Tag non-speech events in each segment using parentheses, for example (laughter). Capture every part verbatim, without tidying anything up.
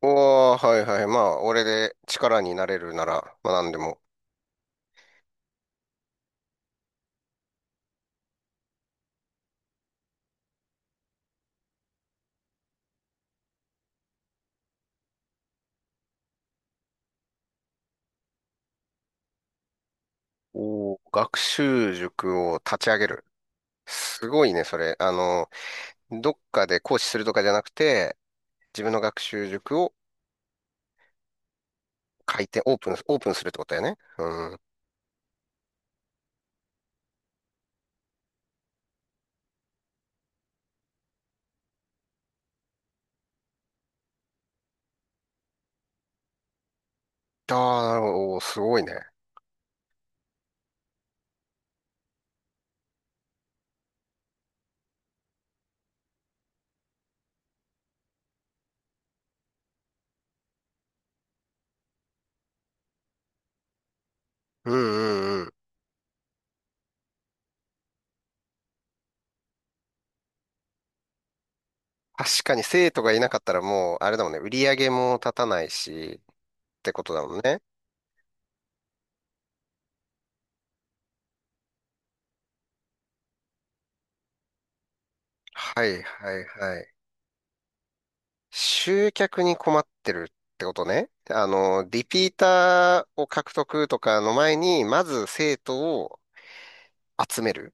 おー、はいはい。まあ、俺で力になれるなら、まあ何でも。おー、学習塾を立ち上げる。すごいね、それ。あの、どっかで講師するとかじゃなくて、自分の学習塾を開店、オープン、オープンするってことだよね。うん。ああ、なるほど。おーすごいね。うんうんうん。確かに生徒がいなかったらもう、あれだもんね。売り上げも立たないし、ってことだもんね。はいはいはい。集客に困ってるってことね。あの、リピーターを獲得とかの前に、まず生徒を集める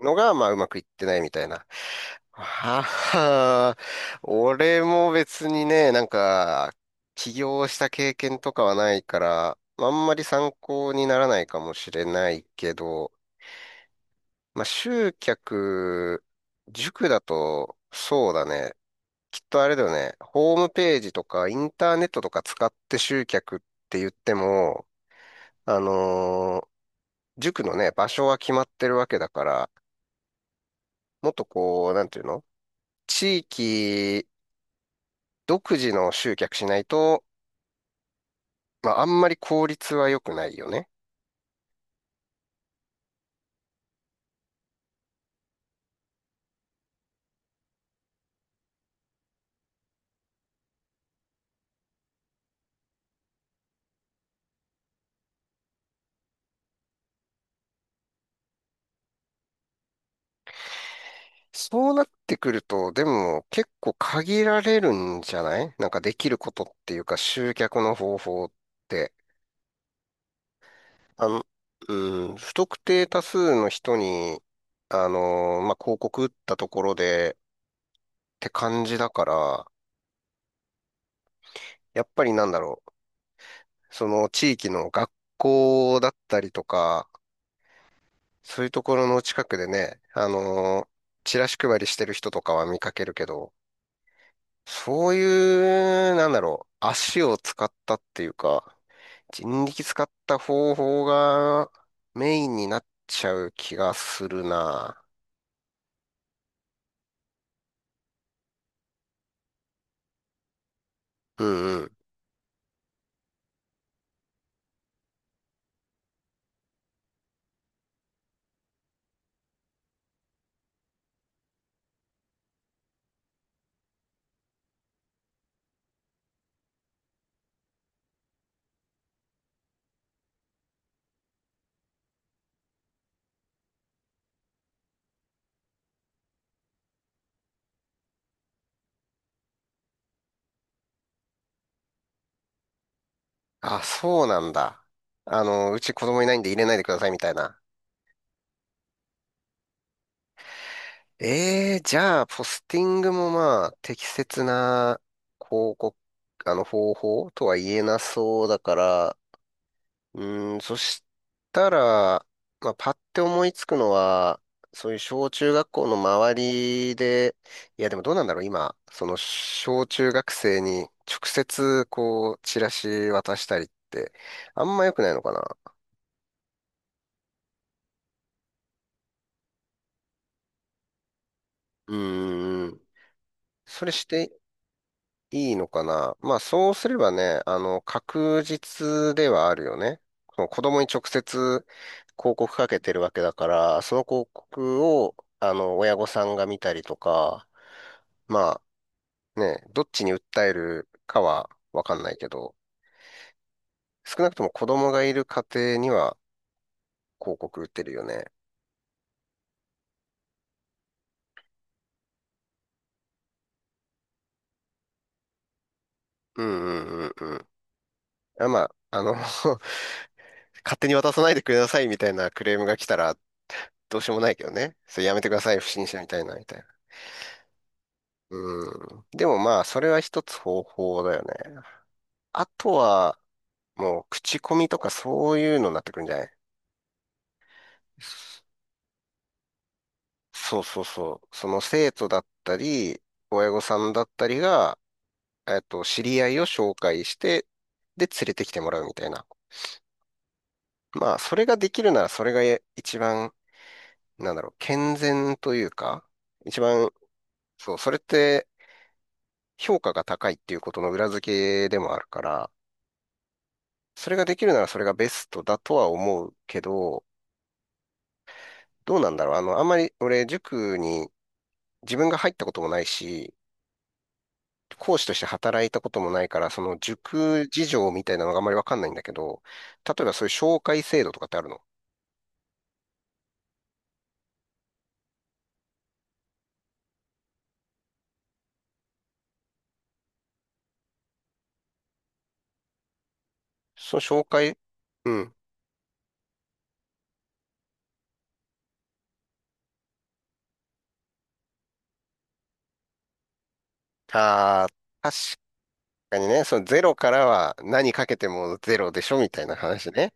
のが、まあ、うまくいってないみたいな。はは、俺も別にね、なんか、起業した経験とかはないから、あんまり参考にならないかもしれないけど、まあ、集客、塾だと、そうだね。きっとあれだよね。ホームページとかインターネットとか使って集客って言っても、あのー塾のね、場所は決まってるわけだから、もっとこう、なんていうの、地域独自の集客しないと、まあ、あんまり効率は良くないよね。そうなってくると、でも結構限られるんじゃない、なんかできることっていうか集客の方法って。あの、うん、不特定多数の人に、あのーまあ、広告打ったところでって感じだから、やっぱりなんだろう、その地域の学校だったりとか、そういうところの近くでね、あのーチラシ配りしてる人とかは見かけるけど、そういう、なんだろう、足を使ったっていうか、人力使った方法がメインになっちゃう気がするな。うん。あ、そうなんだ。あの、うち子供いないんで入れないでくださいみたいな。ええ、じゃあ、ポスティングもまあ、適切な広告、あの、方法とは言えなそうだから、うーん、そしたら、まあ、パッて思いつくのは、そういう小中学校の周りで、いや、でもどうなんだろう、今、その小中学生に直接、こう、チラシ渡したりって、あんま良くないのかな。うーん。それしていいのかな、まあそうすればね、あの、確実ではあるよね。その子供に直接広告かけてるわけだから、その広告を、あの、親御さんが見たりとか、まあね、どっちに訴えるかはわかんないけど、少なくとも子供がいる家庭には広告売ってるよね。うんうんうんうん。あ、まあ、あの (laughs) 勝手に渡さないでくださいみたいなクレームが来たら、どうしようもないけどね。それやめてください、不審者みたいな、みたいな。うん。でもまあ、それは一つ方法だよね。あとは、もう、口コミとかそういうのになってくるんじゃない。そうそうそう。その生徒だったり、親御さんだったりが、えっと、知り合いを紹介して、で、連れてきてもらうみたいな。まあ、それができるなら、それがえ一番、なんだろう、健全というか、一番、そう、それって評価が高いっていうことの裏付けでもあるから、それができるならそれがベストだとは思うけど、どうなんだろう。あの、あんまり俺、塾に自分が入ったこともないし、講師として働いたこともないから、その塾事情みたいなのがあんまりわかんないんだけど、例えばそういう紹介制度とかってあるの？その紹介、うん。ああ、確かにね、そのゼロからは何かけてもゼロでしょみたいな話ね。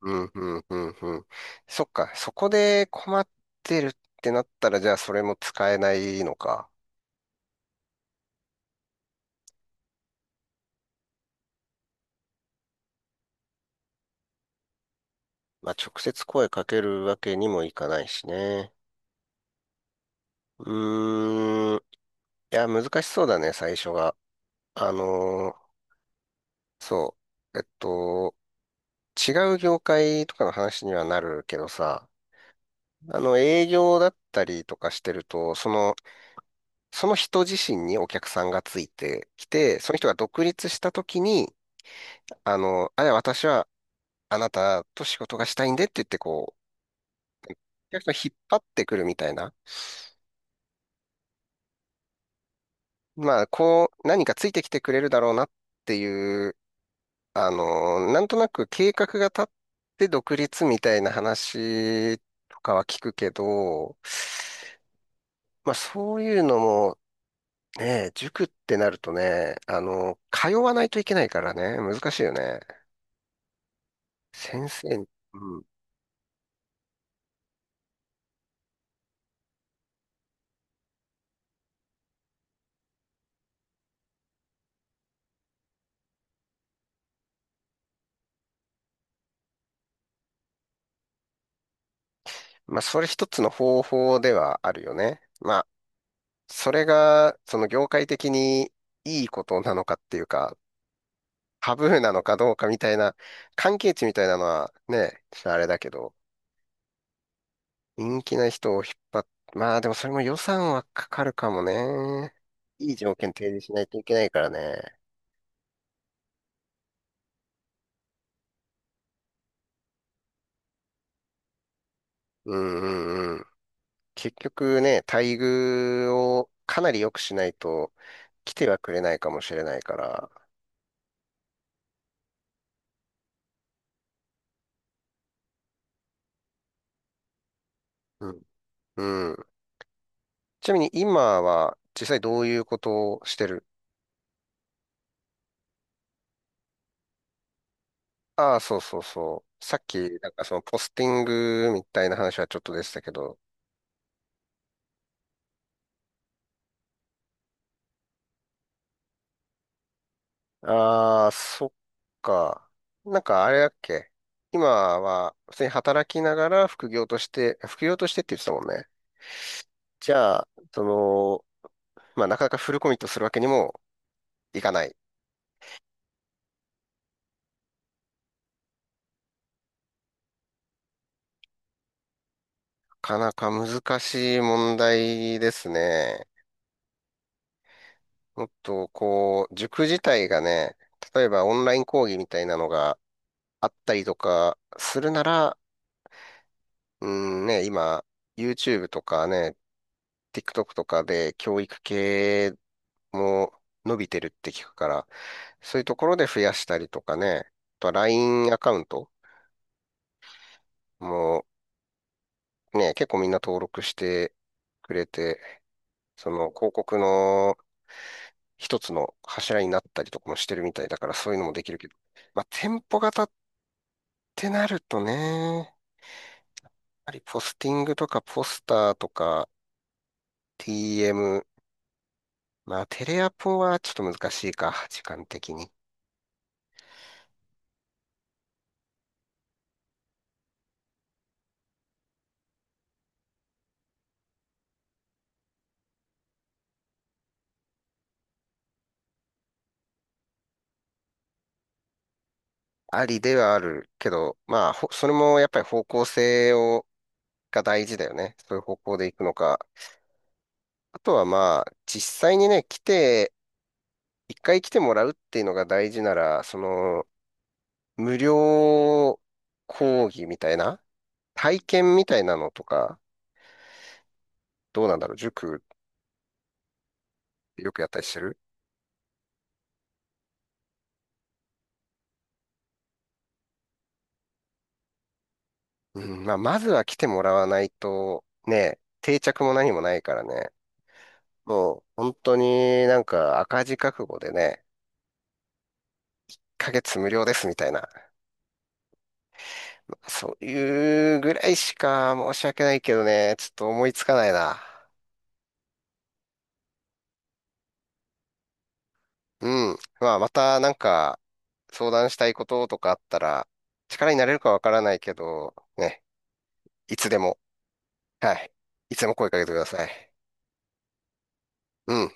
うん、うん、うん、うん。そっか、そこで困ってるってなったら、じゃあそれも使えないのか。まあ、直接声かけるわけにもいかないしね。うーん。いや、難しそうだね、最初が。あのーそう。えっと、違う業界とかの話にはなるけどさ、あの、営業だったりとかしてると、その、その人自身にお客さんがついてきて、その人が独立した時に、あの、あれ、私はあなたと仕事がしたいんでって言って、こう、お客さんを引っ張ってくるみたいな。まあ、こう、何かついてきてくれるだろうなっていう、あの、なんとなく計画が立って独立みたいな話とかは聞くけど、まあ、そういうのも、ね、塾ってなるとね、あの、通わないといけないからね、難しいよね。先生に、うん。まあ、それ一つの方法ではあるよね。まあ、それが、その業界的にいいことなのかっていうか、タブーなのかどうかみたいな、関係値みたいなのはね、ちょっとあれだけど、人気な人を引っ張っ、まあでもそれも予算はかかるかもね。いい条件提示しないといけないからね。うんうんうん。結局ね、待遇をかなり良くしないと来てはくれないかもしれないから。うん。うん。ちなみに今は実際どういうことをしてる？ああ、そうそうそう。さっき、なんかそのポスティングみたいな話はちょっとでしたけど、ああ、そっか。なんかあれだっけ。今は普通に働きながら副業として、副業としてって言ってたもんね。じゃあ、その、まあなかなかフルコミットするわけにもいかない。なかなか難しい問題ですね。もっとこう、塾自体がね、例えばオンライン講義みたいなのがあったりとかするなら、うんね、今、ユーチューブ とかね、ティックトック とかで教育系も伸びてるって聞くから、そういうところで増やしたりとかね、あとは ライン アカウントもね、結構みんな登録してくれて、その広告の一つの柱になったりとかもしてるみたいだから、そういうのもできるけど。まあ、店舗型ってなるとね、やはりポスティングとかポスターとか ティーエム、まあ、テレアポはちょっと難しいか、時間的に。ありではあるけど、まあ、ほそれもやっぱり方向性をが大事だよね。そういう方向で行くのか。あとはまあ、実際にね、来て、一回来てもらうっていうのが大事なら、その、無料講義みたいな、体験みたいなのとか、どうなんだろう、塾よくやったりしてる？うん、まあ、まずは来てもらわないと、ね、定着も何もないからね。もう、本当になんか赤字覚悟でね、いっかげつ無料ですみたいな。そういうぐらいしか申し訳ないけどね、ちょっと思いつかないな。うん。まあ、またなんか相談したいこととかあったら、力になれるかわからないけど、ね、いつでも、はい。いつでも声かけてください。うん。